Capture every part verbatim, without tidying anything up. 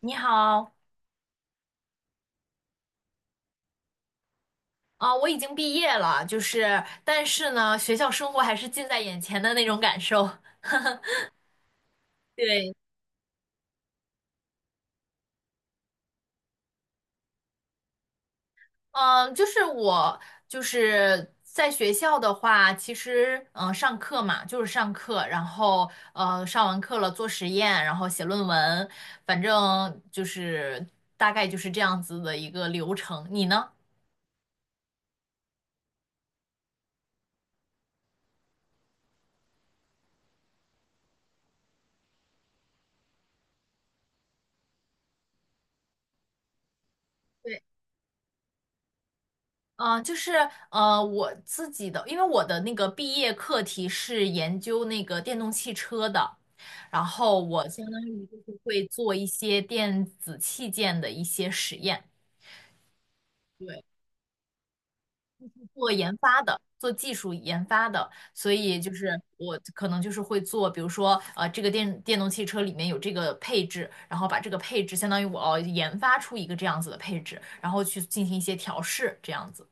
你好，啊、我已经毕业了，就是，但是呢，学校生活还是近在眼前的那种感受。对，嗯、就是我就是在学校的话，其实嗯、呃上课嘛，就是上课，然后呃，上完课了做实验，然后写论文，反正就是大概就是这样子的一个流程。你呢？对，嗯，呃就是呃，我自己的，因为我的那个毕业课题是研究那个电动汽车的，然后我相当于就是会做一些电子器件的一些实验。对，做研发的，做技术研发的，所以就是我可能就是会做，比如说呃，这个电电动汽车里面有这个配置，然后把这个配置相当于我要研发出一个这样子的配置，然后去进行一些调试，这样子。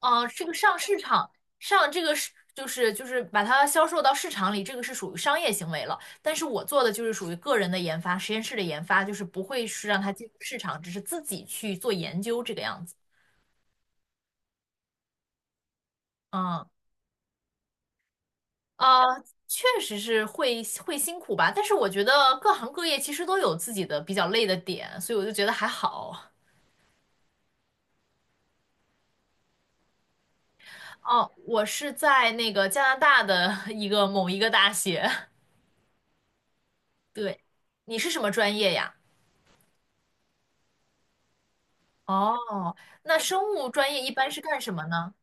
嗯呃，这个上市场上这个是就是就是把它销售到市场里，这个是属于商业行为了。但是我做的就是属于个人的研发，实验室的研发，就是不会是让它进入市场，只是自己去做研究这个样子。嗯，呃，确实是会会辛苦吧，但是我觉得各行各业其实都有自己的比较累的点，所以我就觉得还好。哦，我是在那个加拿大的 一个某一个大学，对，你是什么专业呀？哦，那生物专业一般是干什么呢？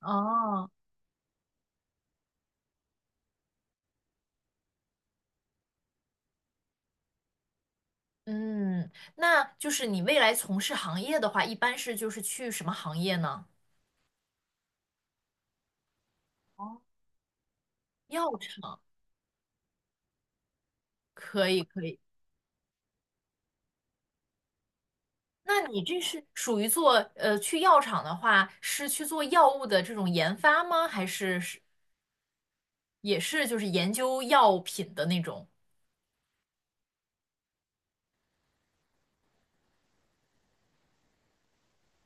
哦，嗯，那就是你未来从事行业的话，一般是就是去什么行业呢？哦，药厂，可以可以。那你这是属于做呃去药厂的话，是去做药物的这种研发吗？还是是也是就是研究药品的那种？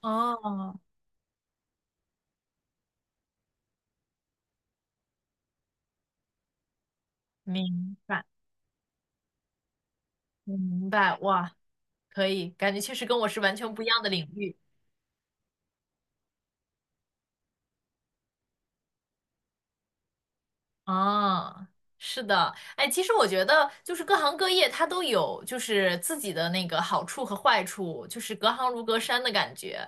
哦，明白明白，哇，可以，感觉确实跟我是完全不一样的领域。啊，是的，哎，其实我觉得就是各行各业它都有就是自己的那个好处和坏处，就是隔行如隔山的感觉。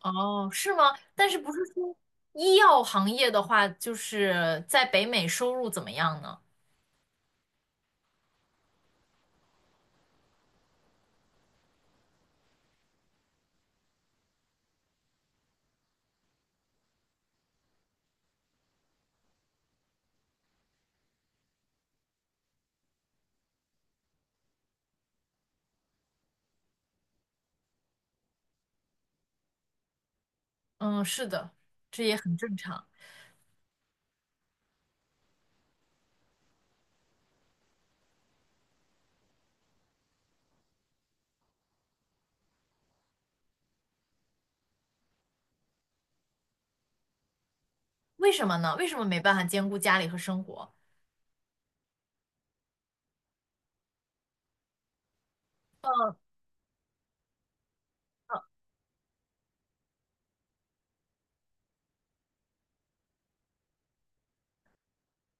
哦，是吗？但是不是说医药行业的话，就是在北美收入怎么样呢？嗯，是的，这也很正常。为什么呢？为什么没办法兼顾家里和生活？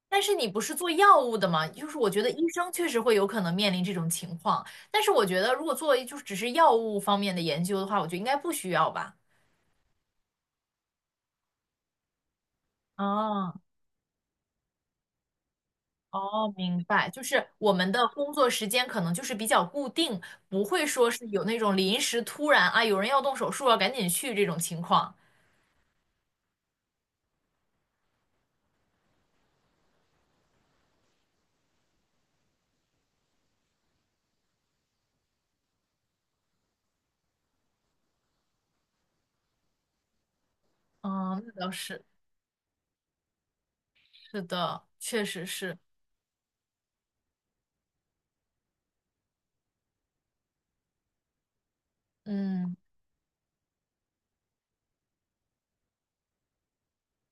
但是你不是做药物的吗？就是我觉得医生确实会有可能面临这种情况，但是我觉得如果做就是只是药物方面的研究的话，我觉得应该不需要吧。啊，哦，明白，就是我们的工作时间可能就是比较固定，不会说是有那种临时突然啊，有人要动手术要赶紧去这种情况。嗯，那倒是，是的，确实是。嗯，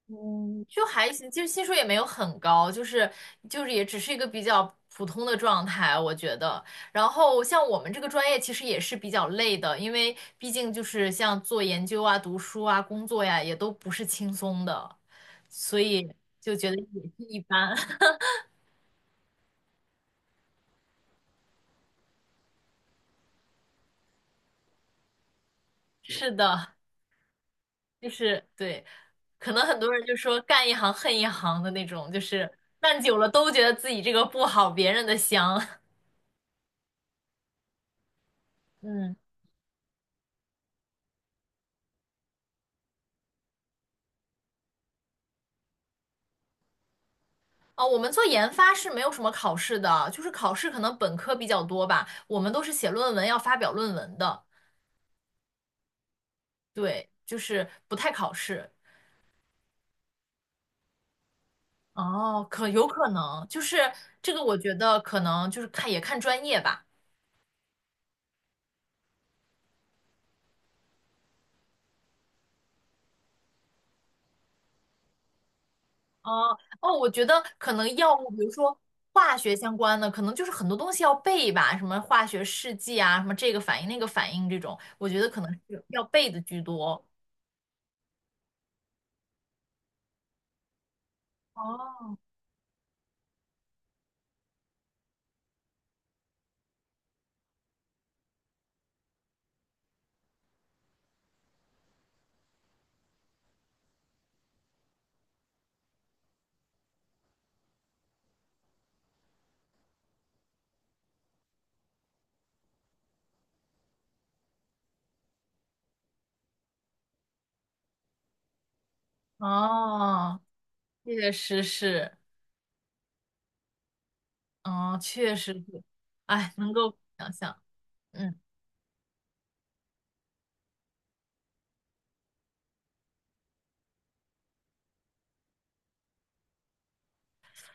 嗯，就还行，其实薪水也没有很高，就是就是也只是一个比较普通的状态，我觉得。然后像我们这个专业其实也是比较累的，因为毕竟就是像做研究啊、读书啊、工作呀，也都不是轻松的，所以就觉得也是一般。是的，就是对，可能很多人就说干一行恨一行的那种，就是干久了都觉得自己这个不好，别人的香。嗯。哦，我们做研发是没有什么考试的，就是考试可能本科比较多吧，我们都是写论文要发表论文的，对，就是不太考试。哦，可有可能，就是这个，我觉得可能就是看也看专业吧。哦哦我觉得可能药物，比如说化学相关的，可能就是很多东西要背吧，什么化学试剂啊，什么这个反应那个反应这种，我觉得可能是要背的居多。哦哦，确实是。哦，确实是，哎，能够想象，嗯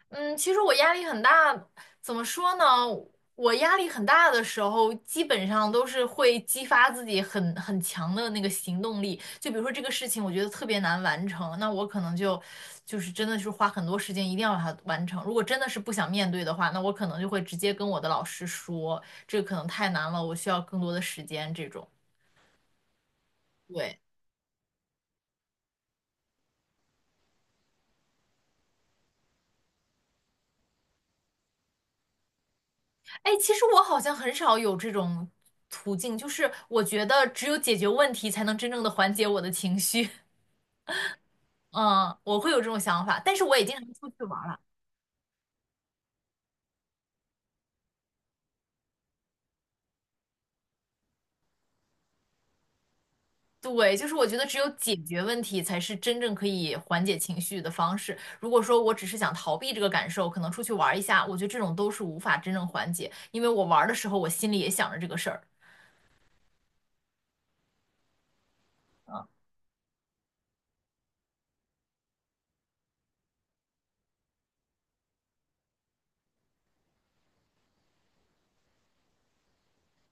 嗯，其实我压力很大，怎么说呢？我压力很大的时候，基本上都是会激发自己很很强的那个行动力。就比如说这个事情，我觉得特别难完成，那我可能就就是真的是花很多时间，一定要把它完成。如果真的是不想面对的话，那我可能就会直接跟我的老师说，这个可能太难了，我需要更多的时间。这种，对。哎，其实我好像很少有这种途径，就是我觉得只有解决问题才能真正的缓解我的情绪。嗯，我会有这种想法，但是我也经常出去玩了。对，就是我觉得只有解决问题才是真正可以缓解情绪的方式。如果说我只是想逃避这个感受，可能出去玩一下，我觉得这种都是无法真正缓解，因为我玩的时候我心里也想着这个事儿。嗯，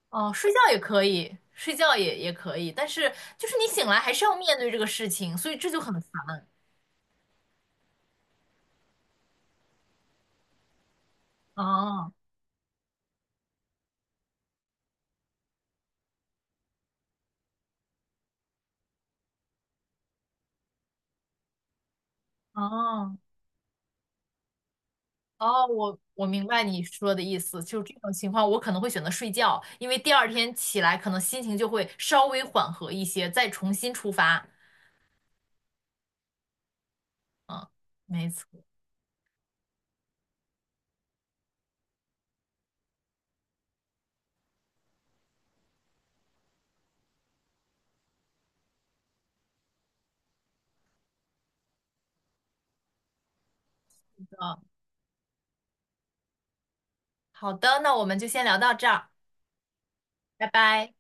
哦，睡觉也可以，睡觉也也可以但是就是你醒来还是要面对这个事情，所以这就很烦。哦。哦哦，我我明白你说的意思，就是这种情况，我可能会选择睡觉，因为第二天起来可能心情就会稍微缓和一些，再重新出发。嗯，没错嗯，好的，那我们就先聊到这儿，拜拜。